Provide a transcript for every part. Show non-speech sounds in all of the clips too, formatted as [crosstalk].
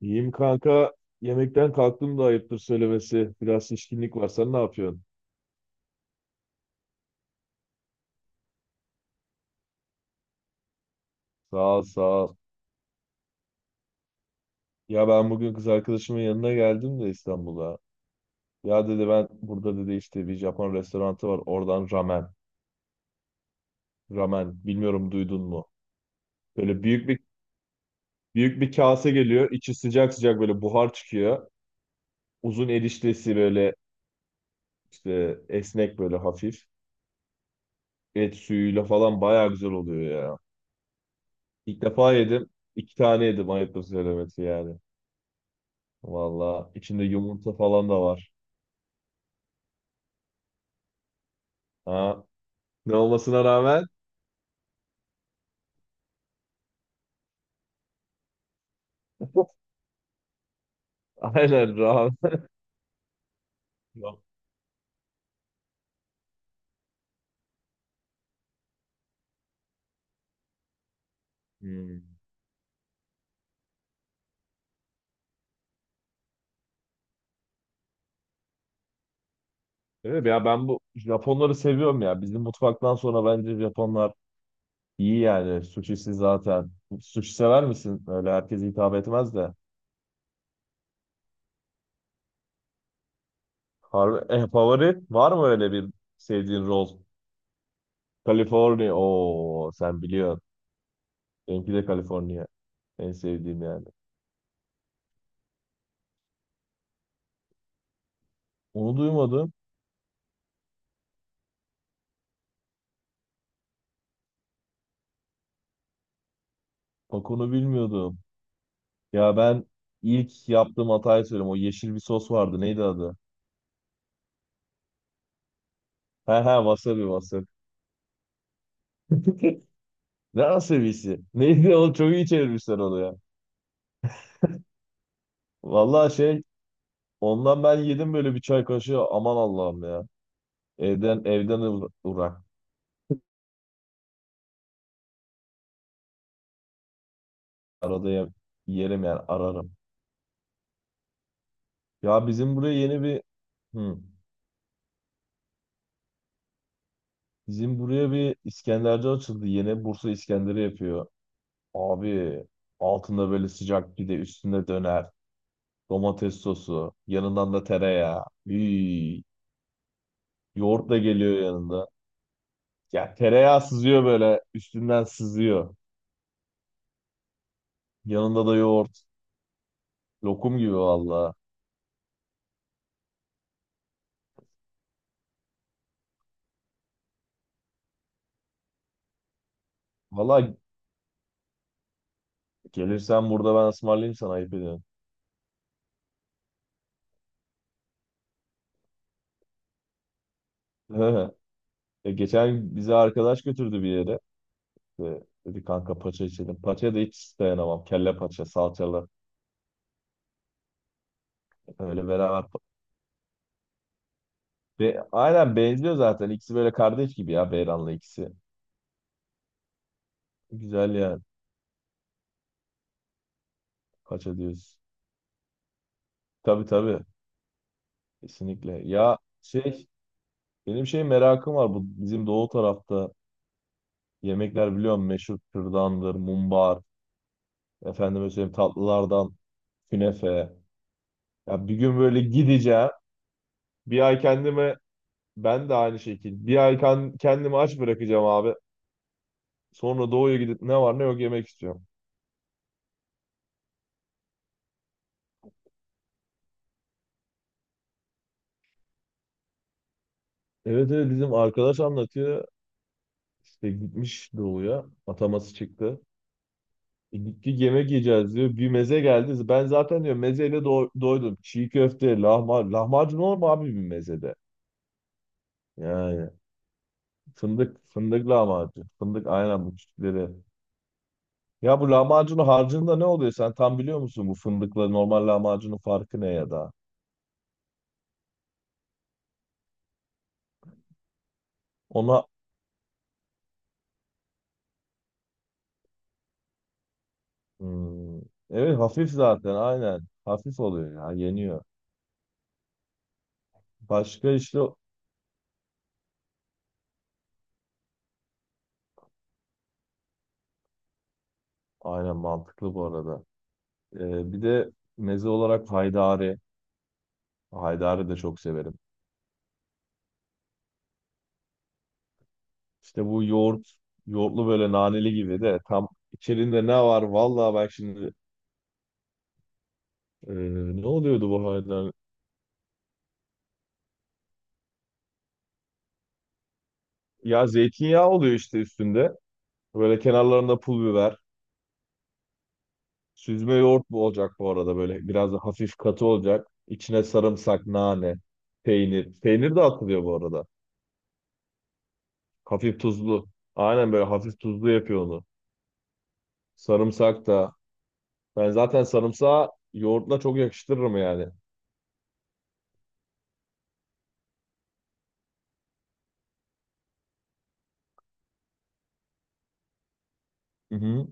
İyiyim kanka. Yemekten kalktım da ayıptır söylemesi. Biraz şişkinlik var. Sen ne yapıyorsun? Sağ ol, sağ ol. Ben bugün kız arkadaşımın yanına geldim de İstanbul'a. Dedi ben burada dedi bir Japon restoranı var. Oradan ramen. Ramen. Bilmiyorum duydun mu? Böyle büyük bir kase geliyor. İçi sıcak sıcak böyle buhar çıkıyor. Uzun eriştesi böyle işte esnek böyle hafif. Et suyuyla falan bayağı güzel oluyor ya. İlk defa yedim. İki tane yedim ayıptır söylemesi yani. Valla içinde yumurta falan da var. Ha, ne olmasına rağmen. [laughs] Aynen rahat. Yok. Hmm. Evet ben bu Japonları seviyorum ya. Bizim mutfaktan sonra bence Japonlar iyi yani. Sushisi zaten. Sushi sever misin? Öyle herkes hitap etmez de. Harbi, favori var mı öyle bir sevdiğin rol? California. Oo sen biliyorsun. Benimki de California. En sevdiğim yani. Onu duymadım. Bak onu bilmiyordum. Ya ben ilk yaptığım hatayı söyleyeyim. O yeşil bir sos vardı. Neydi adı? He he wasabi. [laughs] Ne wasabisi? Neydi o? Çok iyi çevirmişler onu ya. Vallahi, ondan ben yedim böyle bir çay kaşığı. Aman Allah'ım ya. Evden uğrak. Arada yerim yani ararım. Ya bizim buraya hı, bizim buraya bir İskenderci açıldı. Yeni Bursa İskender'i yapıyor. Abi altında böyle sıcak pide üstünde döner. Domates sosu. Yanından da tereyağı. Hii. Yoğurt da geliyor yanında. Ya tereyağı sızıyor böyle. Üstünden sızıyor. Yanında da yoğurt. Lokum gibi valla. Valla gelirsen burada ben ısmarlayayım sana ayıp ediyorum. [laughs] Geçen bize arkadaş götürdü bir yere. Dedi kanka paça içelim. Paça da hiç dayanamam. Kelle paça, salçalı. Öyle beraber. Ve aynen benziyor zaten. İkisi böyle kardeş gibi ya Beyran'la ikisi. Güzel yani. Paça diyoruz. Tabii tabii. Kesinlikle. Benim merakım var, bu bizim doğu tarafta yemekler biliyorum meşhur kürdandır, mumbar, efendime söyleyeyim tatlılardan künefe. Ya bir gün böyle gideceğim. Bir ay kendime ben de aynı şekilde bir ay kendimi aç bırakacağım abi. Sonra doğuya gidip ne var ne yok yemek istiyorum. Evet evet bizim arkadaş anlatıyor. İşte gitmiş doğuya. Ataması çıktı. Gittik yemek yiyeceğiz diyor. Bir meze geldi. Ben zaten diyor mezeyle doydum. Çiğ köfte, lahmacun. Lahmacun olur mu abi bir mezede? Yani fındık lahmacun. Fındık aynen bu küçükleri. Ya bu lahmacunun harcında ne oluyor? Sen tam biliyor musun bu fındıkla normal lahmacunun farkı ne ya da? Ona Hmm, evet hafif zaten aynen. Hafif oluyor ya yeniyor. Başka işte aynen mantıklı bu arada. E, bir de meze olarak haydari. Haydari de çok severim. Bu yoğurtlu böyle naneli gibi de tam içerinde ne var? Vallahi bak şimdi e, ne oluyordu bu halde? Ya zeytinyağı oluyor işte üstünde. Böyle kenarlarında pul biber. Süzme yoğurt bu olacak bu arada böyle biraz da hafif katı olacak. İçine sarımsak, nane, peynir. Peynir de atılıyor bu arada. Hafif tuzlu. Aynen böyle hafif tuzlu yapıyor onu. Sarımsak da. Ben zaten sarımsağı yoğurtla çok yakıştırırım yani. Hı hı.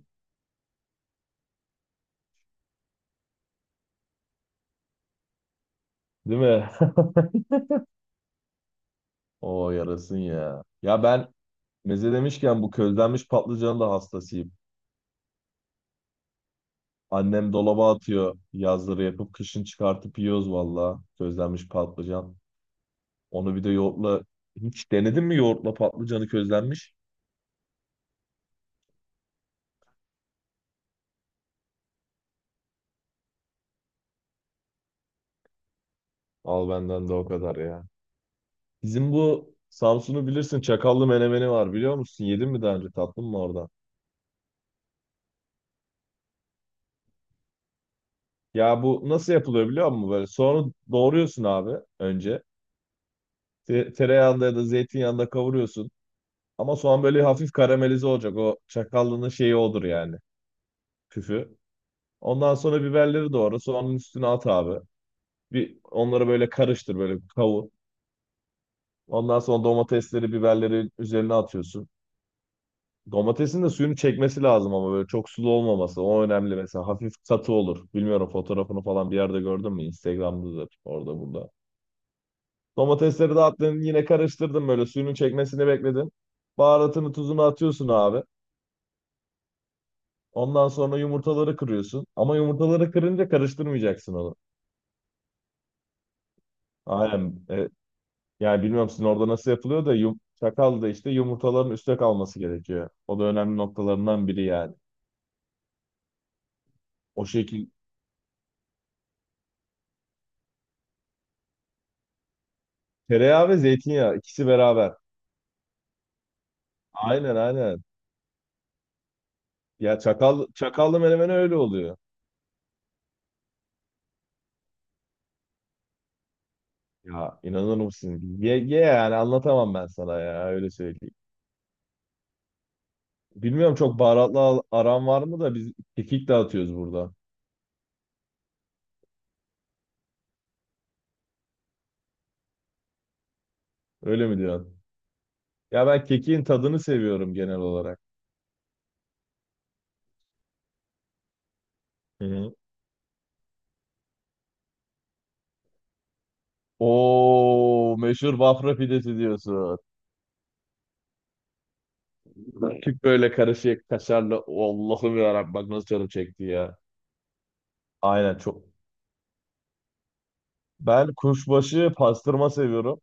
Değil mi? [laughs] O yarasın ya. Ya ben Meze demişken bu közlenmiş patlıcanın da hastasıyım. Annem dolaba atıyor yazları yapıp kışın çıkartıp yiyoruz valla közlenmiş patlıcan. Onu bir de yoğurtla hiç denedin mi yoğurtla patlıcanı közlenmiş? Al benden de o kadar ya. Bizim bu Samsun'u bilirsin çakallı menemeni var biliyor musun? Yedin mi daha önce tatlın mı oradan? Ya bu nasıl yapılıyor biliyor musun? Böyle soğanı doğruyorsun abi önce. Tereyağında ya da zeytinyağında kavuruyorsun. Ama soğan böyle hafif karamelize olacak. O çakallının şeyi odur yani. Küfü. Ondan sonra biberleri doğra. Soğanın üstüne at abi. Bir onları böyle karıştır böyle kavur. Ondan sonra domatesleri, biberleri üzerine atıyorsun. Domatesin de suyunu çekmesi lazım ama böyle çok sulu olmaması. O önemli mesela. Hafif katı olur. Bilmiyorum fotoğrafını falan bir yerde gördün mü? Instagram'dadır orada burada. Domatesleri de attın yine karıştırdın böyle suyunun çekmesini bekledin. Baharatını tuzunu atıyorsun abi. Ondan sonra yumurtaları kırıyorsun. Ama yumurtaları kırınca karıştırmayacaksın onu. Aynen. Yani bilmiyorum sizin orada nasıl yapılıyor da çakal da işte yumurtaların üstte kalması gerekiyor. O da önemli noktalarından biri yani. O şekil tereyağı ve zeytinyağı ikisi beraber. Aynen aynen. Ya çakallı menemen öyle oluyor. Ya inanır mısın? Ye yani anlatamam ben sana ya öyle söyleyeyim. Bilmiyorum çok baharatlı aran var mı da biz kekik dağıtıyoruz burada. Öyle mi diyorsun? Ya ben kekiğin tadını seviyorum genel olarak. Hı hı. Oo meşhur Bafra pidesi diyorsun. Küp böyle karışık kaşarlı. Allah'ım ya bak nasıl canım çekti ya. Aynen çok. Ben kuşbaşı pastırma seviyorum.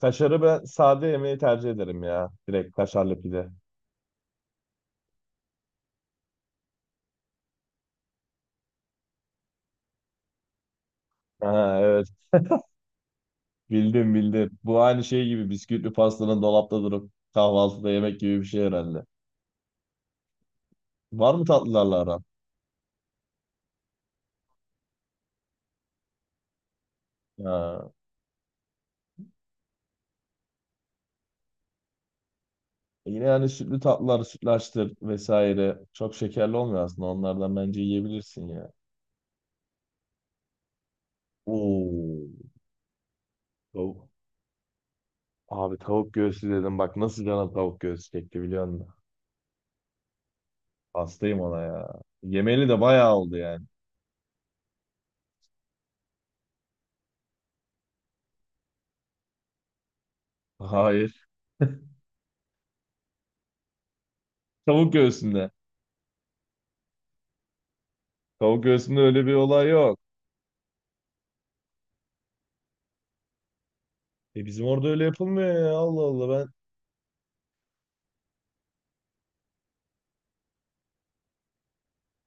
Kaşarı ben sade yemeği tercih ederim ya. Direkt kaşarlı pide. Ha, evet bildim bildim. Bu aynı şey gibi bisküvili pastanın dolapta durup kahvaltıda yemek gibi bir şey herhalde. Var mı tatlılarla aran? Ha. Yine yani sütlü tatlılar, sütlaçtır vesaire. Çok şekerli olmuyor aslında. Onlardan bence yiyebilirsin ya. Oo. Tavuk. Abi tavuk göğsü dedim. Bak nasıl canım tavuk göğsü çekti biliyor musun? Hastayım ona ya. Yemeli de bayağı oldu yani. [laughs] Hayır. Tavuk göğsünde. Tavuk göğsünde öyle bir olay yok. E bizim orada öyle yapılmıyor ya. Allah Allah ben.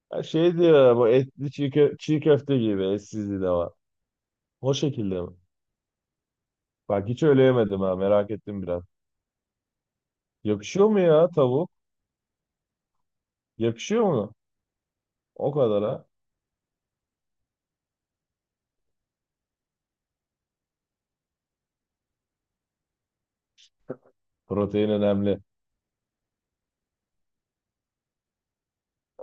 Ha, diyor ya, bu etli çiğ köfte gibi etsizliği de var. O şekilde mi? Bak hiç öyle yemedim ha merak ettim biraz. Yakışıyor mu ya tavuk? Yakışıyor mu? O kadar ha. Protein önemli.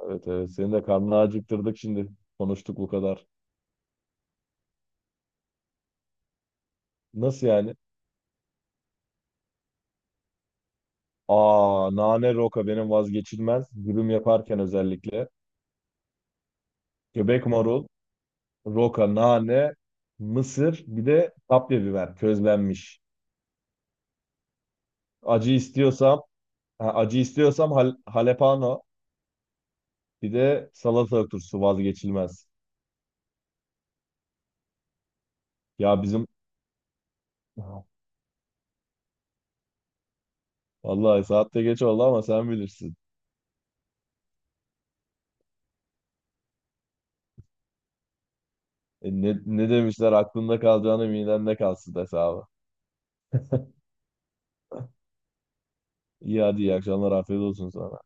Evet evet seni de karnını acıktırdık şimdi. Konuştuk bu kadar. Nasıl yani? Aa, nane roka benim vazgeçilmez. Dürüm yaparken özellikle. Göbek marul, roka, nane, mısır, bir de kapya biber közlenmiş. Acı istiyorsam, ha, acı istiyorsam halepano, bir de salata turşusu vazgeçilmez. Ya bizim vallahi saatte geç oldu ama sen bilirsin. Ne demişler aklında kalacağını midende kalsın hesabı. İyi hadi iyi akşamlar afiyet olsun sana.